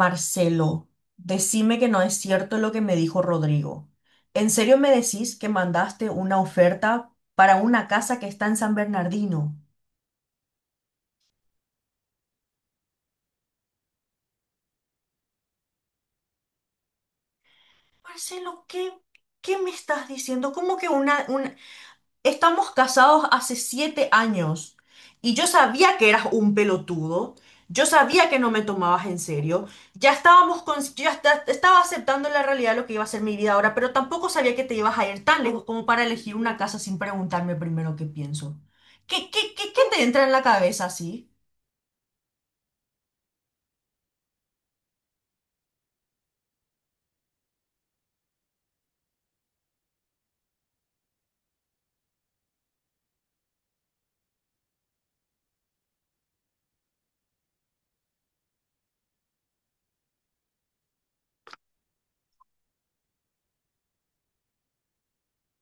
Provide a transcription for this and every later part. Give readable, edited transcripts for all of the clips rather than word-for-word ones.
Marcelo, decime que no es cierto lo que me dijo Rodrigo. ¿En serio me decís que mandaste una oferta para una casa que está en San Bernardino? Marcelo, ¿qué me estás diciendo? ¿Cómo que una, un- Estamos casados hace 7 años y yo sabía que eras un pelotudo, yo sabía que no me tomabas en serio, ya estábamos con, yo ya estaba aceptando la realidad de lo que iba a ser mi vida ahora, pero tampoco sabía que te ibas a ir tan lejos como para elegir una casa sin preguntarme primero qué pienso. ¿Qué te entra en la cabeza así?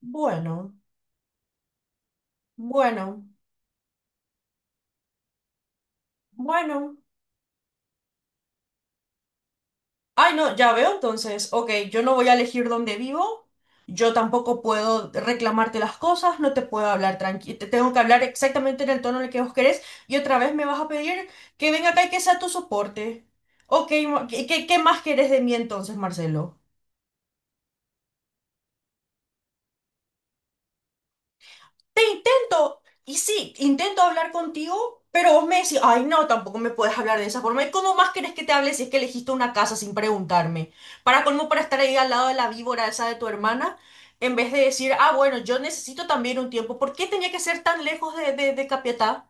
Bueno, bueno, bueno. Ay, no, ya veo, entonces, ok, yo no voy a elegir dónde vivo, yo tampoco puedo reclamarte las cosas, no te puedo hablar tranquilo, te tengo que hablar exactamente en el tono en el que vos querés y otra vez me vas a pedir que venga acá y que sea tu soporte. Ok, ¿qué más querés de mí entonces, Marcelo? Te intento, y sí, intento hablar contigo, pero vos me decís, ay, no, tampoco me puedes hablar de esa forma. ¿Y cómo más querés que te hable si es que elegiste una casa sin preguntarme? Para colmo, para estar ahí al lado de la víbora esa de tu hermana, en vez de decir, ah, bueno, yo necesito también un tiempo. ¿Por qué tenía que ser tan lejos de, Capiatá?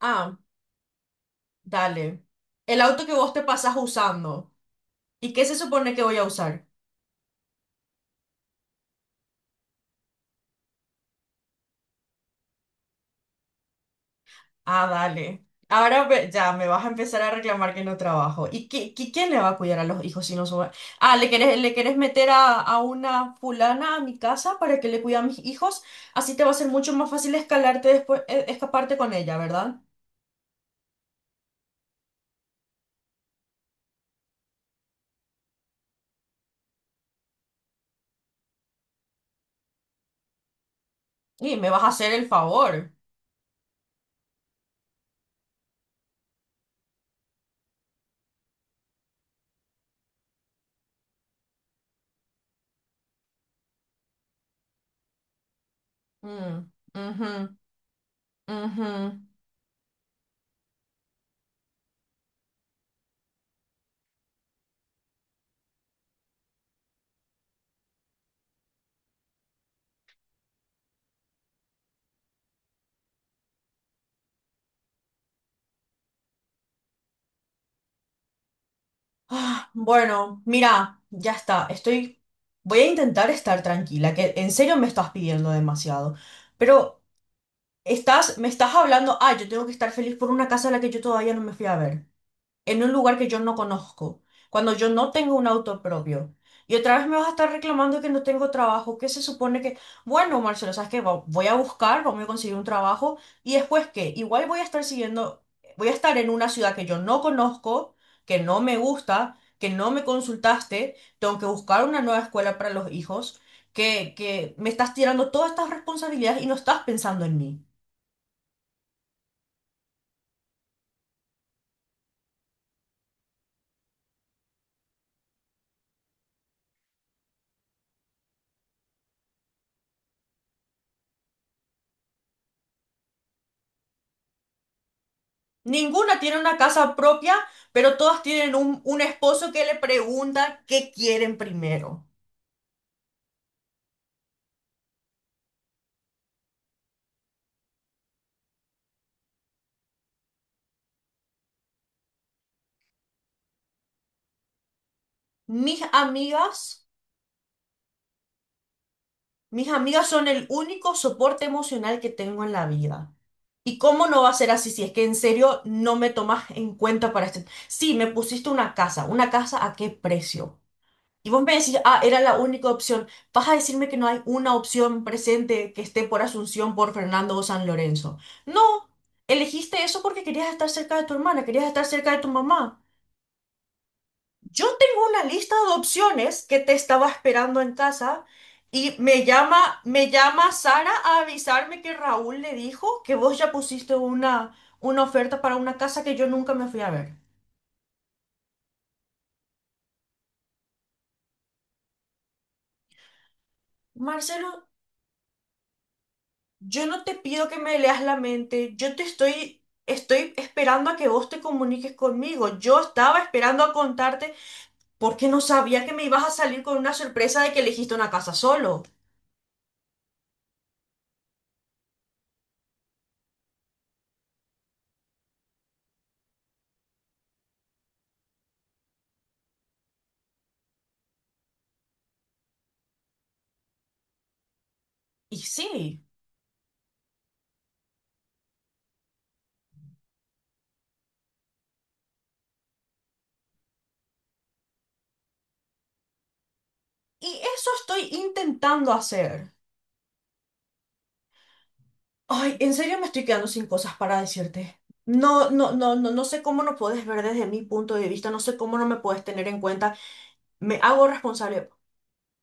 Ah, dale. El auto que vos te pasás usando. ¿Y qué se supone que voy a usar? Ah, dale. Ahora ve- ya me vas a empezar a reclamar que no trabajo. ¿Y quién le va a cuidar a los hijos si no son... Ah, ¿le querés meter a una fulana a mi casa para que le cuide a mis hijos? Así te va a ser mucho más fácil escalarte después, escaparte con ella, ¿verdad? Y me vas a hacer el favor. Mm, ujú, ujú. Ah, bueno, mira, ya está. Estoy... Voy a intentar estar tranquila, que en serio me estás pidiendo demasiado. Pero... Estás, me estás hablando, ah, yo tengo que estar feliz por una casa a la que yo todavía no me fui a ver, en un lugar que yo no conozco, cuando yo no tengo un auto propio. Y otra vez me vas a estar reclamando que no tengo trabajo, que se supone que, bueno, Marcelo, ¿sabes qué? Va- Voy a buscar, vamos a conseguir un trabajo, y después qué, igual voy a estar siguiendo, voy a estar en una ciudad que yo no conozco, que no me gusta, que no me consultaste, tengo que buscar una nueva escuela para los hijos, que me estás tirando todas estas responsabilidades y no estás pensando en mí. Ninguna tiene una casa propia, pero todas tienen un esposo que le pregunta qué quieren primero. Mis amigas, mis amigas son el único soporte emocional que tengo en la vida. ¿Y cómo no va a ser así si es que en serio no me tomas en cuenta para este? Sí, me pusiste una casa ¿a qué precio? Y vos me decís, ah, era la única opción. Vas a decirme que no hay una opción presente que esté por Asunción, por Fernando o San Lorenzo. No, elegiste eso porque querías estar cerca de tu hermana, querías estar cerca de tu mamá. Yo tengo una lista de opciones que te estaba esperando en casa y me llama Sara a avisarme que Raúl le dijo que vos ya pusiste una oferta para una casa que yo nunca me fui a ver. Marcelo, yo no te pido que me leas la mente, yo te estoy esperando a que vos te comuniques conmigo. Yo estaba esperando a contarte porque no sabía que me ibas a salir con una sorpresa de que elegiste una casa solo. Y sí, y eso estoy intentando hacer. Ay, en serio me estoy quedando sin cosas para decirte. No, no, no, no, no sé cómo no puedes ver desde mi punto de vista, no sé cómo no me puedes tener en cuenta. Me hago responsable.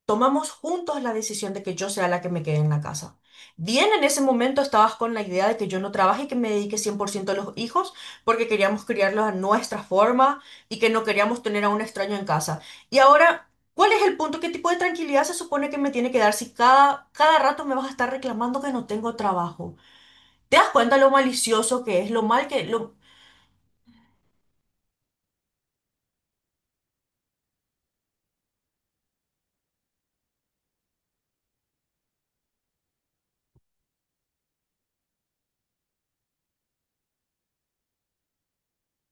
Tomamos juntos la decisión de que yo sea la que me quede en la casa. Bien, en ese momento estabas con la idea de que yo no trabaje y que me dedique 100% a los hijos porque queríamos criarlos a nuestra forma y que no queríamos tener a un extraño en casa. Y ahora, ¿cuál es el punto? ¿Qué tipo de tranquilidad se supone que me tiene que dar si cada rato me vas a estar reclamando que no tengo trabajo? ¿Te das cuenta lo malicioso que es, lo mal que... Lo...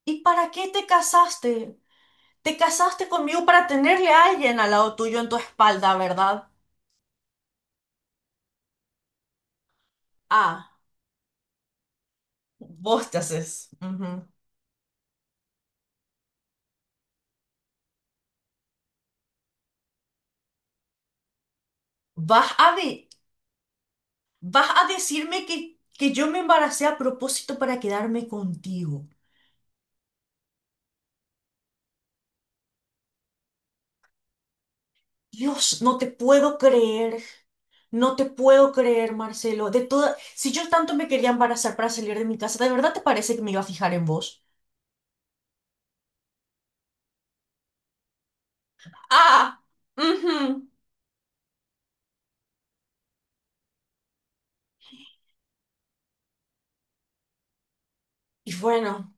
¿Y para qué te casaste? Te casaste conmigo para tenerle a alguien al lado tuyo en tu espalda, ¿verdad? Ah. Vos te haces. Ujú. ¿Vas a de- vas a decirme que yo me embaracé a propósito para quedarme contigo? Dios, no te puedo creer. No te puedo creer, Marcelo. De toda, si yo tanto me quería embarazar para salir de mi casa, ¿de verdad te parece que me iba a fijar en vos? Ah, ujú. Y bueno,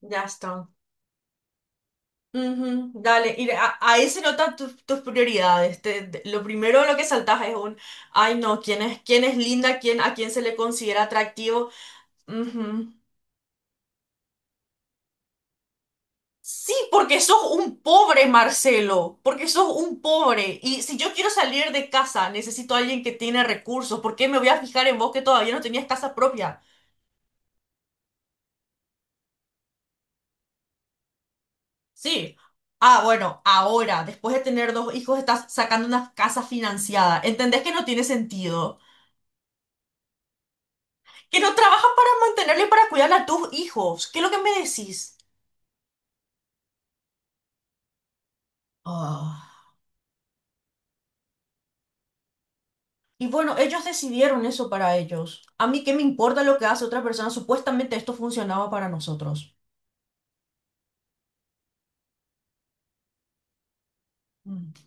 ya está. Ujú, dale, y ahí se notan tus, prioridades. Lo primero lo que saltas es ay, no, ¿quién es linda? ¿A quién se le considera atractivo? Ujú. Sí, porque sos un pobre, Marcelo, porque sos un pobre. Y si yo quiero salir de casa, necesito a alguien que tiene recursos. ¿Por qué me voy a fijar en vos que todavía no tenías casa propia? Sí. Ah, bueno, ahora, después de tener dos hijos, estás sacando una casa financiada. ¿Entendés que no tiene sentido? Que no trabajan para mantenerle y para cuidar a tus hijos. ¿Qué es lo que me decís? Ah, y bueno, ellos decidieron eso para ellos. A mí qué me importa lo que hace otra persona. Supuestamente esto funcionaba para nosotros. Mm.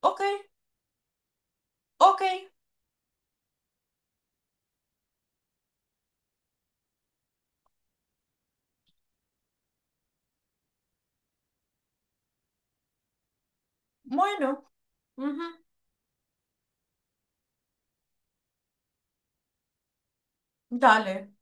Ok, ok, bueno, ujú, dale.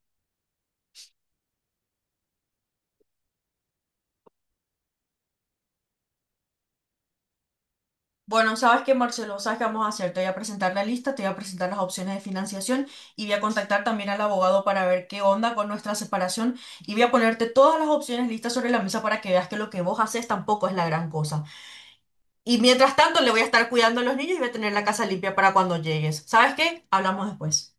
Bueno, ¿sabes qué, Marcelo? ¿Sabes qué vamos a hacer? Te voy a presentar la lista, te voy a presentar las opciones de financiación y voy a contactar también al abogado para ver qué onda con nuestra separación y voy a ponerte todas las opciones listas sobre la mesa para que veas que lo que vos haces tampoco es la gran cosa. Y mientras tanto le voy a estar cuidando a los niños y voy a tener la casa limpia para cuando llegues. ¿Sabes qué? Hablamos después.